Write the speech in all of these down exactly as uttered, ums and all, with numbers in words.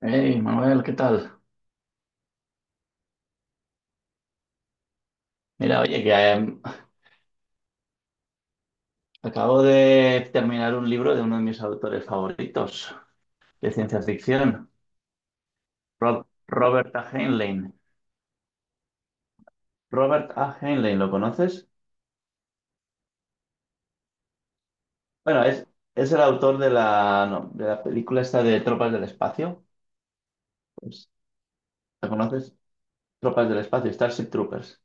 Hey, Manuel, ¿qué tal? Mira, oye, que eh, acabo de terminar un libro de uno de mis autores favoritos de ciencia ficción, Ro- Robert A. Heinlein. Robert A. Heinlein, ¿lo conoces? Bueno, es, es el autor de la, no, de la película esta de Tropas del Espacio. Pues, ¿la conoces? Tropas del Espacio, Starship Troopers.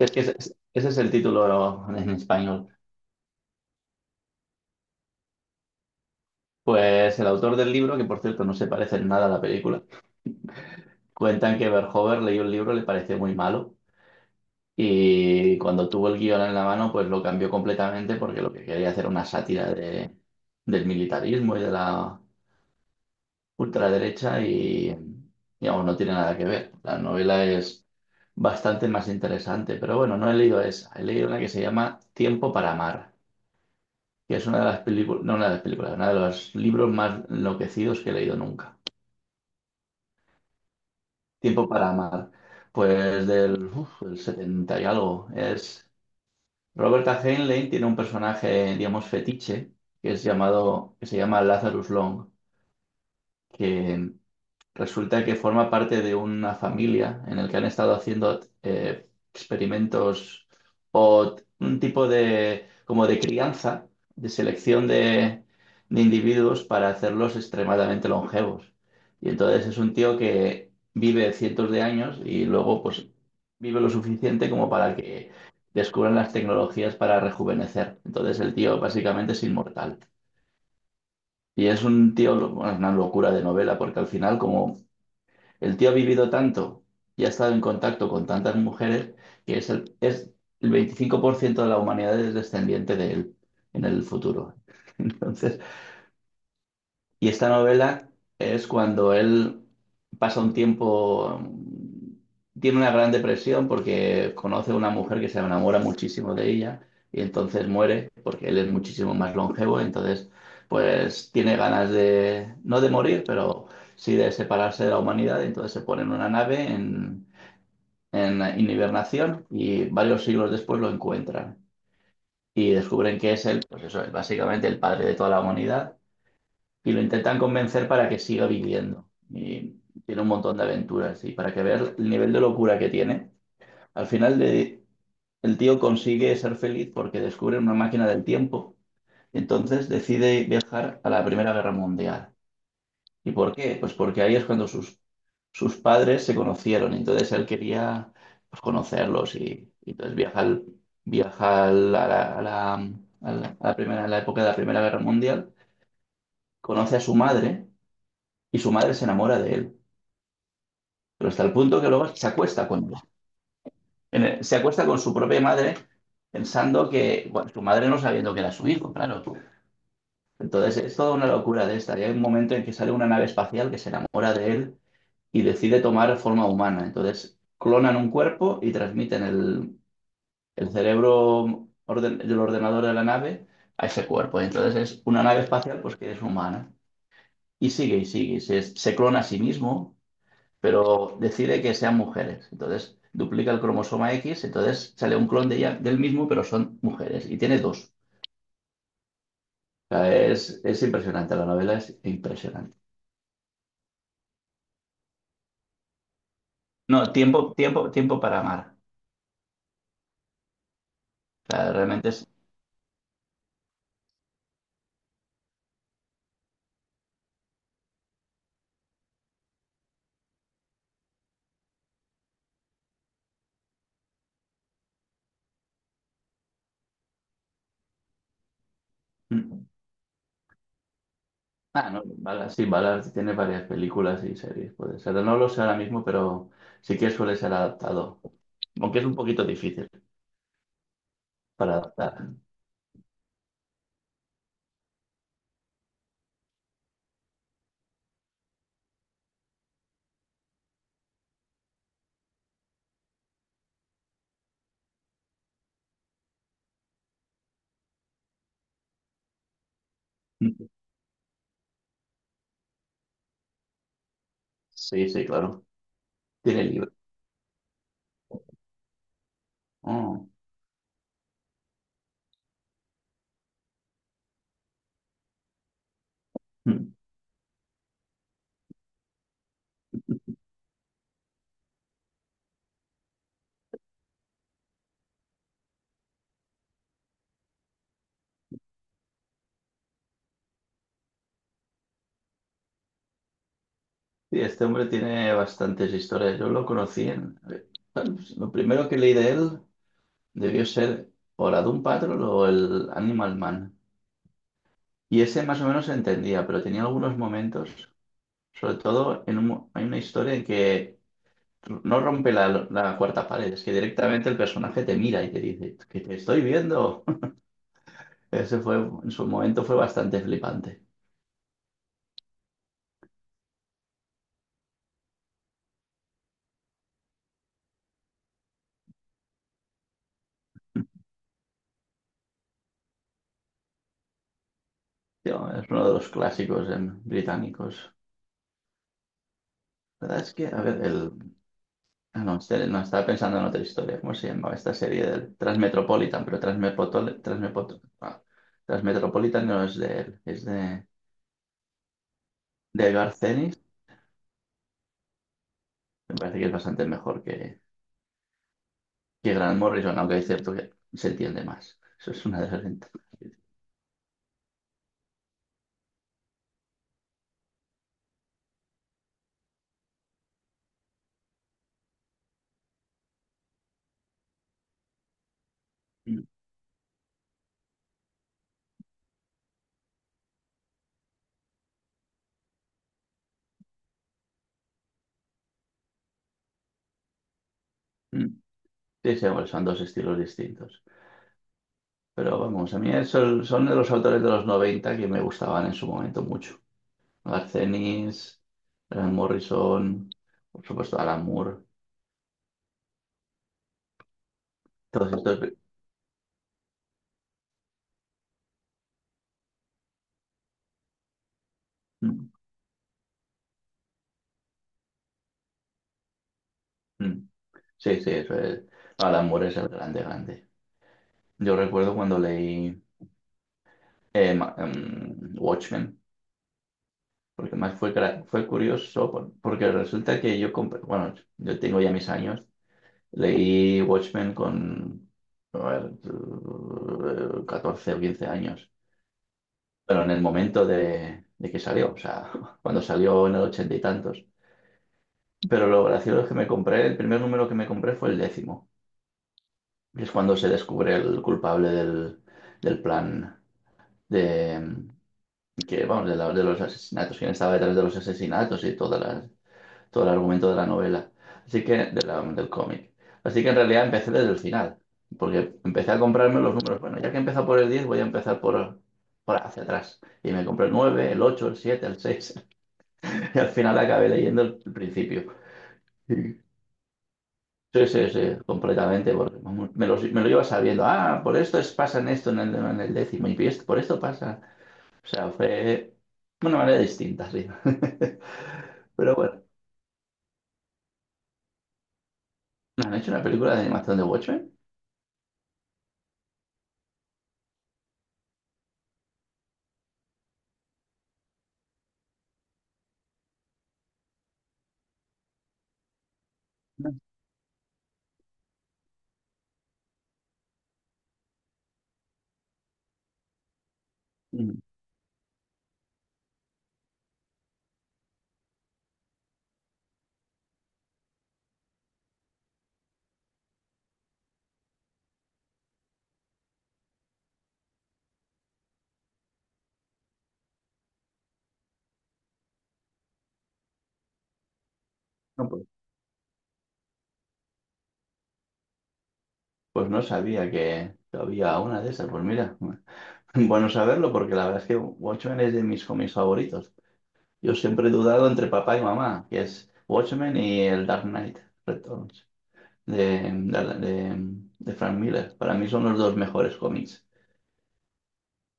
Es que ese, es ese es el título en español. Pues el autor del libro, que por cierto no se parece en nada a la película, cuentan que Verhoeven leyó el libro y le pareció muy malo. Y cuando tuvo el guión en la mano, pues lo cambió completamente porque lo que quería hacer era una sátira de, del militarismo y de la ultraderecha y, digamos, no tiene nada que ver. La novela es bastante más interesante, pero bueno, no he leído esa. He leído una que se llama Tiempo para amar, que es una de las películas, no una de las películas, una de los libros más enloquecidos que he leído nunca. Tiempo para amar, pues del, uf, del setenta y algo. Es Roberta Heinlein tiene un personaje, digamos, fetiche, que es llamado, que se llama Lazarus Long, que resulta que forma parte de una familia en el que han estado haciendo eh, experimentos o t- un tipo de como de crianza, de selección de, de individuos para hacerlos extremadamente longevos. Y entonces es un tío que vive cientos de años y luego pues vive lo suficiente como para que descubran las tecnologías para rejuvenecer. Entonces el tío básicamente es inmortal. Y es un tío, lo- bueno, es una locura de novela, porque al final, como el tío ha vivido tanto y ha estado en contacto con tantas mujeres que es el, es el veinticinco por ciento de la humanidad es descendiente de él en el futuro. Entonces, y esta novela es cuando él pasa un tiempo, mm, tiene una gran depresión porque conoce a una mujer que se enamora muchísimo de ella y entonces muere porque él es muchísimo más longevo, entonces pues tiene ganas de, no de morir, pero sí de separarse de la humanidad, entonces se pone en una nave en, en, en hibernación y varios siglos después lo encuentran y descubren que es él, pues eso es básicamente el padre de toda la humanidad y lo intentan convencer para que siga viviendo. Y tiene un montón de aventuras y para que veas el nivel de locura que tiene. Al final de, el tío consigue ser feliz porque descubre una máquina del tiempo. Entonces decide viajar a la Primera Guerra Mundial. ¿Y por qué? Pues porque ahí es cuando sus, sus padres se conocieron. Entonces él quería pues, conocerlos y, y entonces viaja, al- viaja al- a la, a la- a la- a la primera, a la época de la Primera Guerra Mundial. Conoce a su madre y su madre se enamora de él. Pero hasta el punto que luego se acuesta con en el- se acuesta con su propia madre pensando que, bueno, su madre no sabiendo que era su hijo, claro. Entonces es toda una locura de esta. Y hay un momento en que sale una nave espacial que se enamora de él y decide tomar forma humana. Entonces clonan un cuerpo y transmiten el, el cerebro orden- del ordenador de la nave a ese cuerpo. Entonces es una nave espacial pues que es humana. Y sigue y sigue. Se, se clona a sí mismo pero decide que sean mujeres. Entonces duplica el cromosoma X, entonces sale un clon de ella, del mismo, pero son mujeres y tiene dos. O sea, es, es impresionante, la novela es impresionante. No, tiempo, tiempo, tiempo para amar. O sea, realmente es... Mm. Ah, no, Ballard, sí, Ballard tiene varias películas y series, puede ser. No lo sé ahora mismo, pero sí que suele ser adaptado. Aunque es un poquito difícil para adaptar. Mm. Sí, sí, claro. Tiene libro. Oh. Mm. Sí, este hombre tiene bastantes historias. Yo lo conocí en... bueno, pues, lo primero que leí de él debió ser o la Doom Patrol o el Animal Man. Y ese más o menos se entendía, pero tenía algunos momentos, sobre todo en un mo- hay una historia en que no rompe la, la cuarta pared, es que directamente el personaje te mira y te dice, que te estoy viendo. Ese fue, en su momento fue bastante flipante. Tío, es uno de los clásicos em, británicos. La verdad es que, a ver, el... Ah, no, este- no, estaba pensando en otra historia. ¿Cómo se llamaba esta serie del Transmetropolitan? Pero Transmepotol- Transmepot- ah, Transmetropolitan no es de él, es de, de Garcenis. Me parece que es bastante mejor que, que Grant Morrison, aunque es cierto que se entiende más. Eso es una de las ventajas. Mm, mm. Sí, sí, bueno, son dos estilos distintos. Pero vamos, a mí es- son, son de los autores de los noventa que me gustaban en su momento mucho. Garcenis, Grant Morrison, por supuesto Alan Moore, todos estos. Mm, mm. Sí, sí, eso es. Alan Moore es el grande, grande. Yo recuerdo cuando leí eh, ma- em, Watchmen, porque más fue, cra- fue curioso, por- porque resulta que yo compré, bueno, yo tengo ya mis años, leí Watchmen con, a ver, eh, catorce o quince años, pero en el momento de, de que salió, o sea, cuando salió en el ochenta y tantos. Pero lo gracioso es que me compré, el primer número que me compré fue el décimo, que es cuando se descubre el culpable del del plan, de que vamos de, la- de los asesinatos, quién estaba detrás de los asesinatos y todas las, todo el argumento de la novela, así que de la- del cómic. Así que en realidad empecé desde el final, porque empecé a comprarme los números. Bueno, ya que he empezado por el diez voy a empezar por, por hacia atrás. Y me compré el nueve el ocho el siete el seis y al final acabé leyendo el, el principio. Sí. Sí, sí, sí, completamente, porque vamos, me lo, me lo iba sabiendo. Ah, por esto es, pasa en esto en el, en el décimo, y esto- por esto pasa. O sea, fue una manera distinta, sí. Pero bueno, ¿no han hecho una película de animación de Watchmen? No. Mm, no, pues, pues no sabía que que había una de esas. Pues mira, bueno saberlo porque la verdad es que Watchmen es de mis cómics favoritos. Yo siempre he dudado entre papá y mamá, que es Watchmen y el Dark Knight Returns de, de, de- de Frank Miller. Para mí son los dos mejores cómics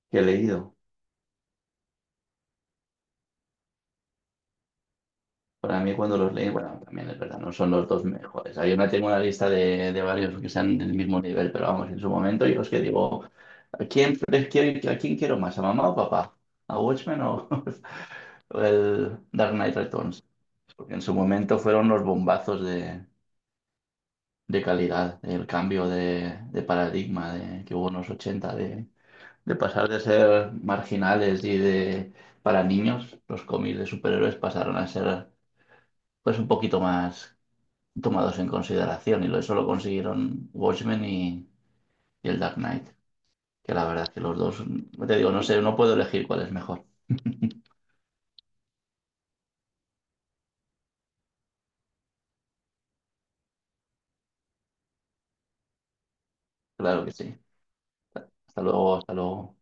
que he leído. Para mí cuando los leí, bueno, también es verdad, no son los dos mejores. Ah, yo no tengo una lista de, de varios que están del mismo nivel, pero vamos, en su momento yo es que digo, ¿a quién, pref- quién- a quién quiero más, a mamá o papá? ¿A Watchmen o, o el Dark Knight Returns? Porque en su momento fueron los bombazos de, de calidad, el cambio de, de paradigma de, que hubo en los ochenta, de, de pasar de ser marginales y de para niños, los cómics de superhéroes pasaron a ser pues un poquito más tomados en consideración y eso lo consiguieron Watchmen y, y el Dark Knight, que la verdad es que los dos, te digo, no sé, no puedo elegir cuál es mejor. Claro que sí. Hasta luego, hasta luego.